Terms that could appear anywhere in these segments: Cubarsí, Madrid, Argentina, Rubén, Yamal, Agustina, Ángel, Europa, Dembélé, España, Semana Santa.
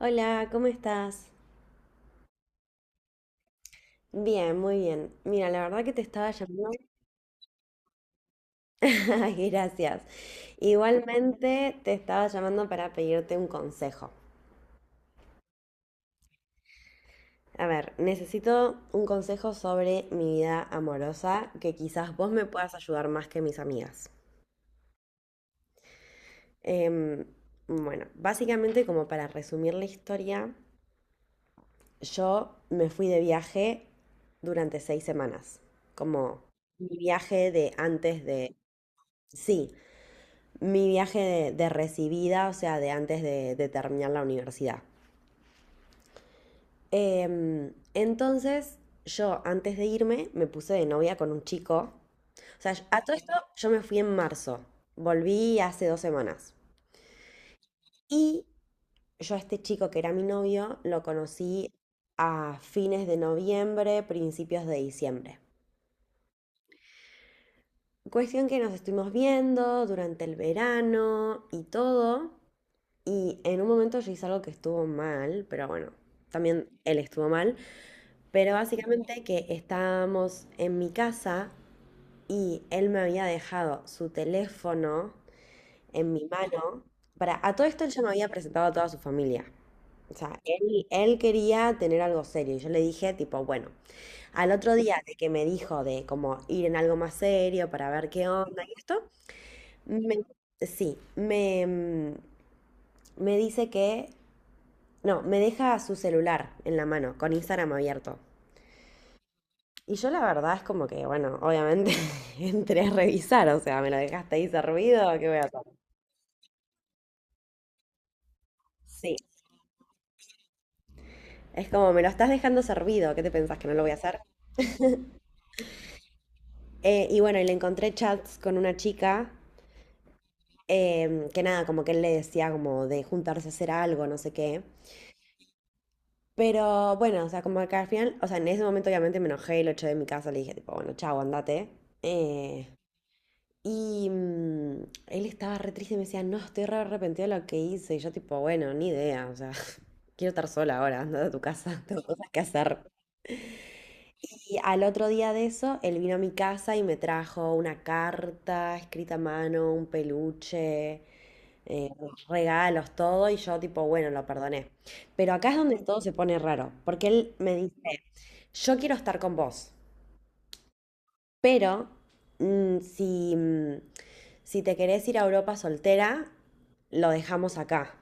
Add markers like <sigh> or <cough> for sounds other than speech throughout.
Hola, ¿cómo estás? Bien, muy bien. Mira, la verdad que te estaba llamando. <laughs> Ay, gracias. Igualmente te estaba llamando para pedirte un consejo. A ver, necesito un consejo sobre mi vida amorosa que quizás vos me puedas ayudar más que mis amigas. Em, bueno, básicamente como para resumir la historia, yo me fui de viaje durante 6 semanas, como mi viaje de antes de... Sí, mi viaje de recibida, o sea, de antes de terminar la universidad. Entonces, yo antes de irme me puse de novia con un chico. O sea, a todo esto yo me fui en marzo. Volví hace 2 semanas. Y yo a este chico que era mi novio lo conocí a fines de noviembre, principios de diciembre. Cuestión que nos estuvimos viendo durante el verano y todo. Y en un momento yo hice algo que estuvo mal, pero bueno, también él estuvo mal, pero básicamente que estábamos en mi casa y él me había dejado su teléfono en mi mano. Para, a todo esto él ya me había presentado a toda su familia. O sea, él quería tener algo serio. Y yo le dije, tipo, bueno, al otro día de que me dijo de como ir en algo más serio para ver qué onda y esto, me, sí, me dice que no, me deja su celular en la mano, con Instagram abierto. Y yo la verdad es como que, bueno, obviamente <laughs> entré a revisar, o sea, me lo dejaste ahí servido, ¿qué voy a hacer? Sí, es como, me lo estás dejando servido, ¿qué te pensás que no lo voy a hacer? Y bueno, y le encontré chats con una chica, que nada, como que él le decía como de juntarse a hacer algo, no sé qué. Pero bueno, o sea, como que al final, o sea, en ese momento obviamente me enojé y lo eché de mi casa, le dije tipo, bueno, chao, andate. Eh, Y él estaba re triste y me decía, no, estoy re arrepentido de lo que hice. Y yo tipo, bueno, ni idea, o sea, <laughs> quiero estar sola ahora, anda a tu casa, <laughs> tengo cosas que hacer. Y al otro día de eso, él vino a mi casa y me trajo una carta escrita a mano, un peluche, eh, regalos, todo. Y yo tipo, bueno, lo perdoné. Pero acá es donde todo se pone raro, porque él me dice, yo quiero estar con vos. Pero mm, si, mm, si te querés ir a Europa soltera, lo dejamos acá.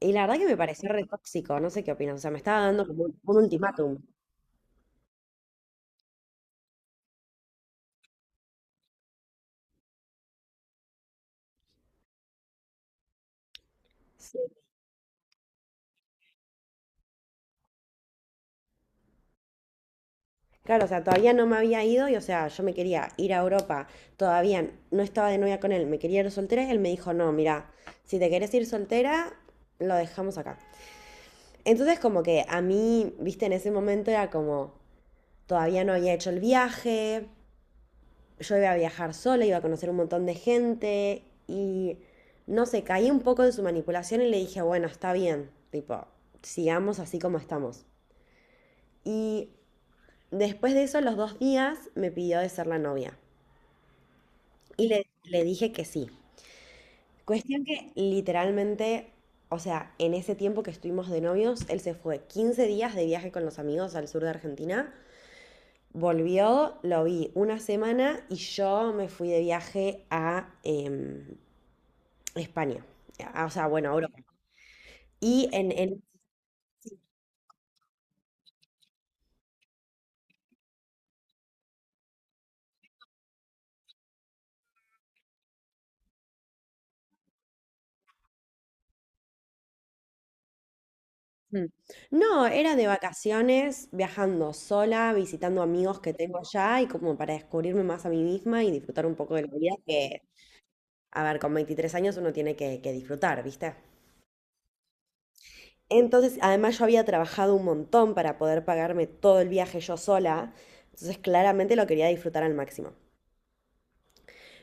Y la verdad que me pareció re tóxico, no sé qué opinas. O sea, me estaba dando como un ultimátum. Sí. Claro, o sea, todavía no me había ido y, o sea, yo me quería ir a Europa, todavía no estaba de novia con él, me quería ir soltera y él me dijo, no, mira, si te querés ir soltera, lo dejamos acá. Entonces, como que a mí, viste, en ese momento era como, todavía no había hecho el viaje, yo iba a viajar sola, iba a conocer un montón de gente y no sé, caí un poco de su manipulación y le dije, bueno, está bien, tipo, sigamos así como estamos. Y después de eso, los dos días, me pidió de ser la novia y le dije que sí. Cuestión que literalmente, o sea, en ese tiempo que estuvimos de novios, él se fue 15 días de viaje con los amigos al sur de Argentina. Volvió, lo vi una semana y yo me fui de viaje a España. Ah, o sea, bueno, Europa. Y en, en- Mm. No, era de vacaciones, viajando sola, visitando amigos que tengo allá y como para descubrirme más a mí misma y disfrutar un poco de la vida que, a ver, con 23 años uno tiene que disfrutar, ¿viste? Entonces, además yo había trabajado un montón para poder pagarme todo el viaje yo sola, entonces claramente lo quería disfrutar al máximo.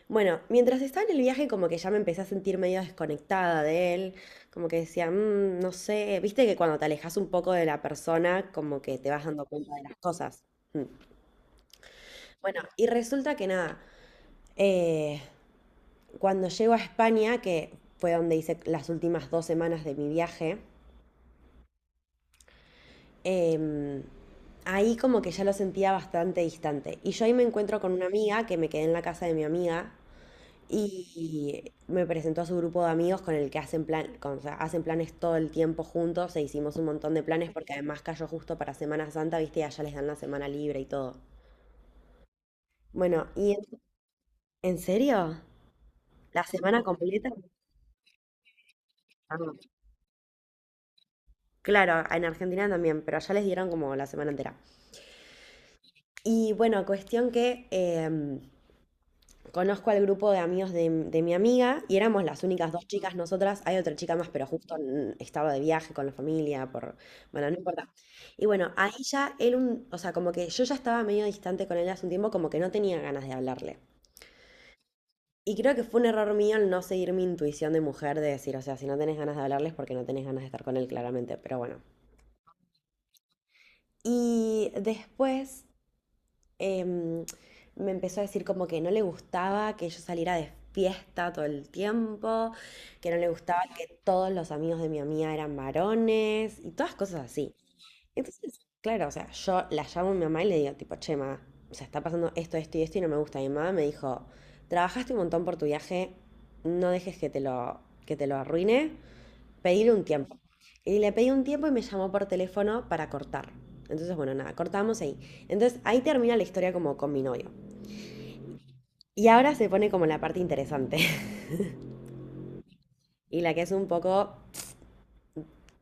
Bueno, mientras estaba en el viaje como que ya me empecé a sentir medio desconectada de él, como que decía, "Mm, no sé, viste que cuando te alejas un poco de la persona como que te vas dando cuenta de las cosas." Mm. Bueno, y resulta que nada, eh, cuando llego a España, que fue donde hice las últimas 2 semanas de mi viaje, em, ahí como que ya lo sentía bastante distante. Y yo ahí me encuentro con una amiga que me quedé en la casa de mi amiga. Y me presentó a su grupo de amigos con el que hacen plan, o sea, hacen planes todo el tiempo juntos e hicimos un montón de planes porque además cayó justo para Semana Santa, viste, y allá les dan la semana libre y todo. Bueno, ¿en serio? ¿La semana completa? Ah, claro, en Argentina también, pero allá les dieron como la semana entera. Y bueno, cuestión que conozco al grupo de amigos de mi amiga y éramos las únicas dos chicas nosotras. Hay otra chica más, pero justo estaba de viaje con la familia, por... Bueno, no importa. Y bueno, ahí ya él, o sea, como que yo ya estaba medio distante con él hace un tiempo, como que no tenía ganas de hablarle. Y creo que fue un error mío el no seguir mi intuición de mujer de decir, o sea, si no tenés ganas de hablarles porque no tenés ganas de estar con él claramente, pero bueno. Y después em, me empezó a decir como que no le gustaba que yo saliera de fiesta todo el tiempo, que no le gustaba que todos los amigos de mi amiga eran varones y todas cosas así. Entonces, claro, o sea, yo la llamo a mi mamá y le digo tipo, che, ma, o sea, está pasando esto, esto y esto y no me gusta. Y mi mamá me dijo, trabajaste un montón por tu viaje, no dejes que que te lo arruine pedirle un tiempo. Y le pedí un tiempo y me llamó por teléfono para cortar. Entonces, bueno, nada, cortamos ahí. Entonces, ahí termina la historia como con mi novio. Y ahora se pone como la parte interesante <laughs> y la que es un poco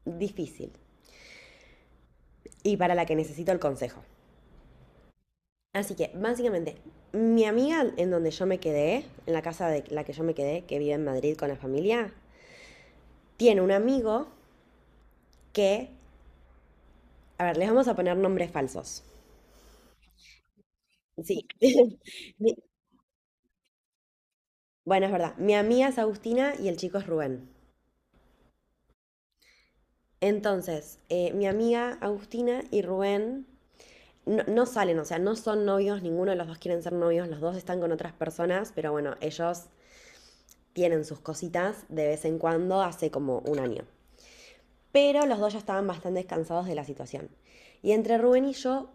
difícil y para la que necesito el consejo. Así que, básicamente, mi amiga en donde yo me quedé, en la casa de la que yo me quedé, que vive en Madrid con la familia, tiene un amigo que, a ver, les vamos a poner nombres falsos. Sí. <laughs> Mi- Bueno, es verdad. Mi amiga es Agustina y el chico es Rubén. Entonces, mi amiga Agustina y Rubén no, no salen, o sea, no son novios, ninguno de los dos quieren ser novios, los dos están con otras personas, pero bueno, ellos tienen sus cositas de vez en cuando, hace como un año. Pero los dos ya estaban bastante cansados de la situación. Y entre Rubén y yo,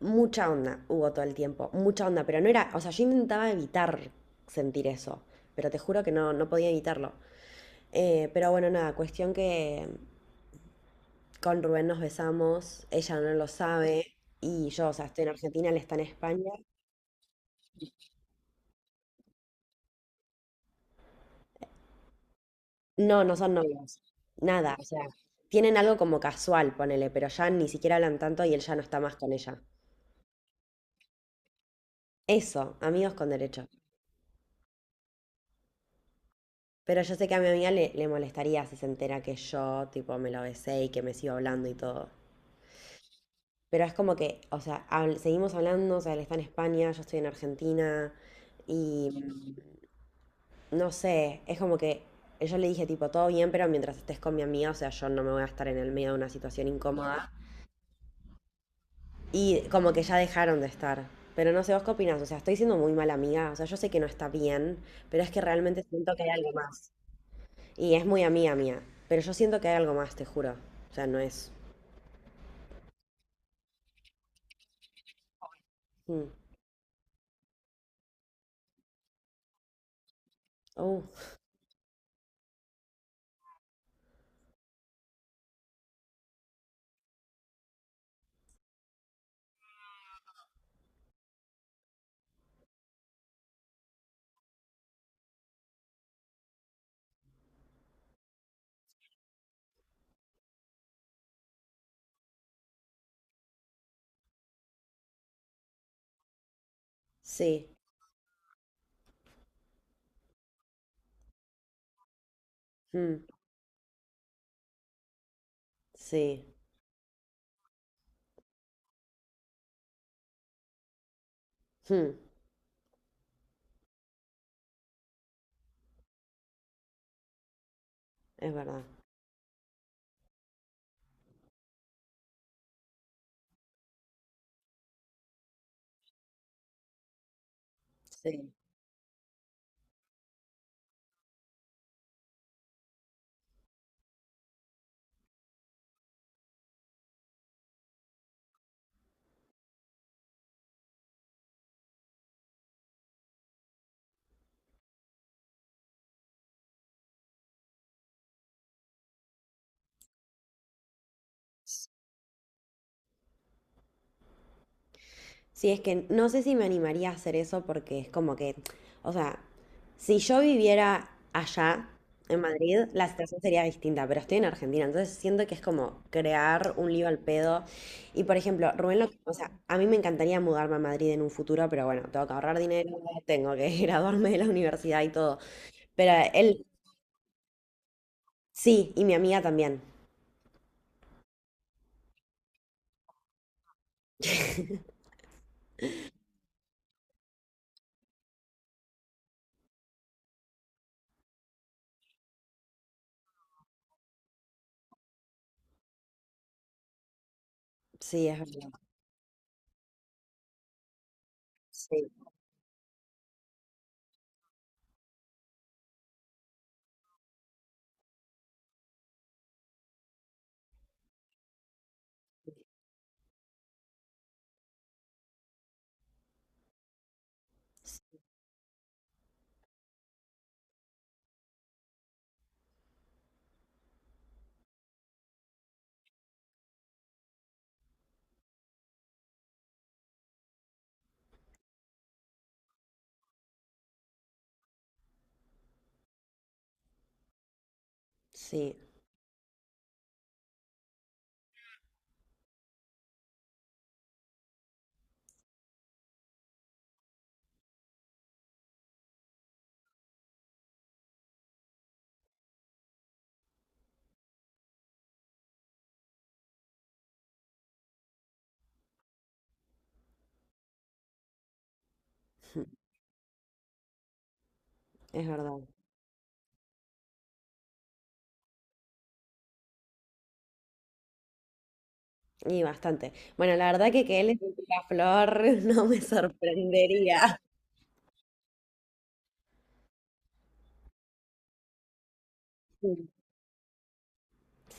mucha onda hubo todo el tiempo, mucha onda, pero no era, o sea, yo intentaba evitar sentir eso, pero te juro que no, no podía evitarlo. Pero bueno, nada, cuestión que con Rubén nos besamos, ella no lo sabe y yo, o sea, estoy en Argentina, él está en España. No, no son novios, nada, o sea, tienen algo como casual, ponele, pero ya ni siquiera hablan tanto y él ya no está más con ella. Eso, amigos con derecho. Pero yo sé que a mi amiga le molestaría si se entera que yo, tipo, me lo besé y que me sigo hablando y todo. Pero es como que, o sea, seguimos hablando, o sea, él está en España, yo estoy en Argentina y no sé, es como que yo le dije tipo, todo bien, pero mientras estés con mi amiga, o sea, yo no me voy a estar en el medio de una situación incómoda. Y como que ya dejaron de estar. Pero no sé, ¿vos qué opinás? O sea, estoy siendo muy mala amiga, o sea, yo sé que no está bien, pero es que realmente siento que hay algo más. Y es muy amiga mía, pero yo siento que hay algo más, te juro. O sea, no es... Mm, oh, sí, mm, sí, mm, es verdad. Sí. Sí, es que no sé si me animaría a hacer eso porque es como que, o sea, si yo viviera allá en Madrid, la situación sería distinta, pero estoy en Argentina, entonces siento que es como crear un lío al pedo. Y por ejemplo, Rubén, o sea, a mí me encantaría mudarme a Madrid en un futuro, pero bueno, tengo que ahorrar dinero, tengo que <laughs> graduarme de la universidad y todo. Pero él sí, y mi amiga también. Sí, es verdad. Sí, sí, sí, es verdad. Y bastante. Bueno, la verdad que él es un picaflor <laughs> no me sorprendería.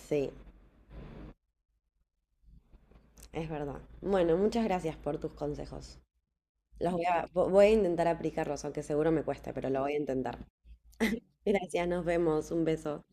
Sí, es verdad. Bueno, muchas gracias por tus consejos. Los voy a intentar aplicarlos, aunque seguro me cueste, pero lo voy a intentar. Gracias, nos vemos. Un beso.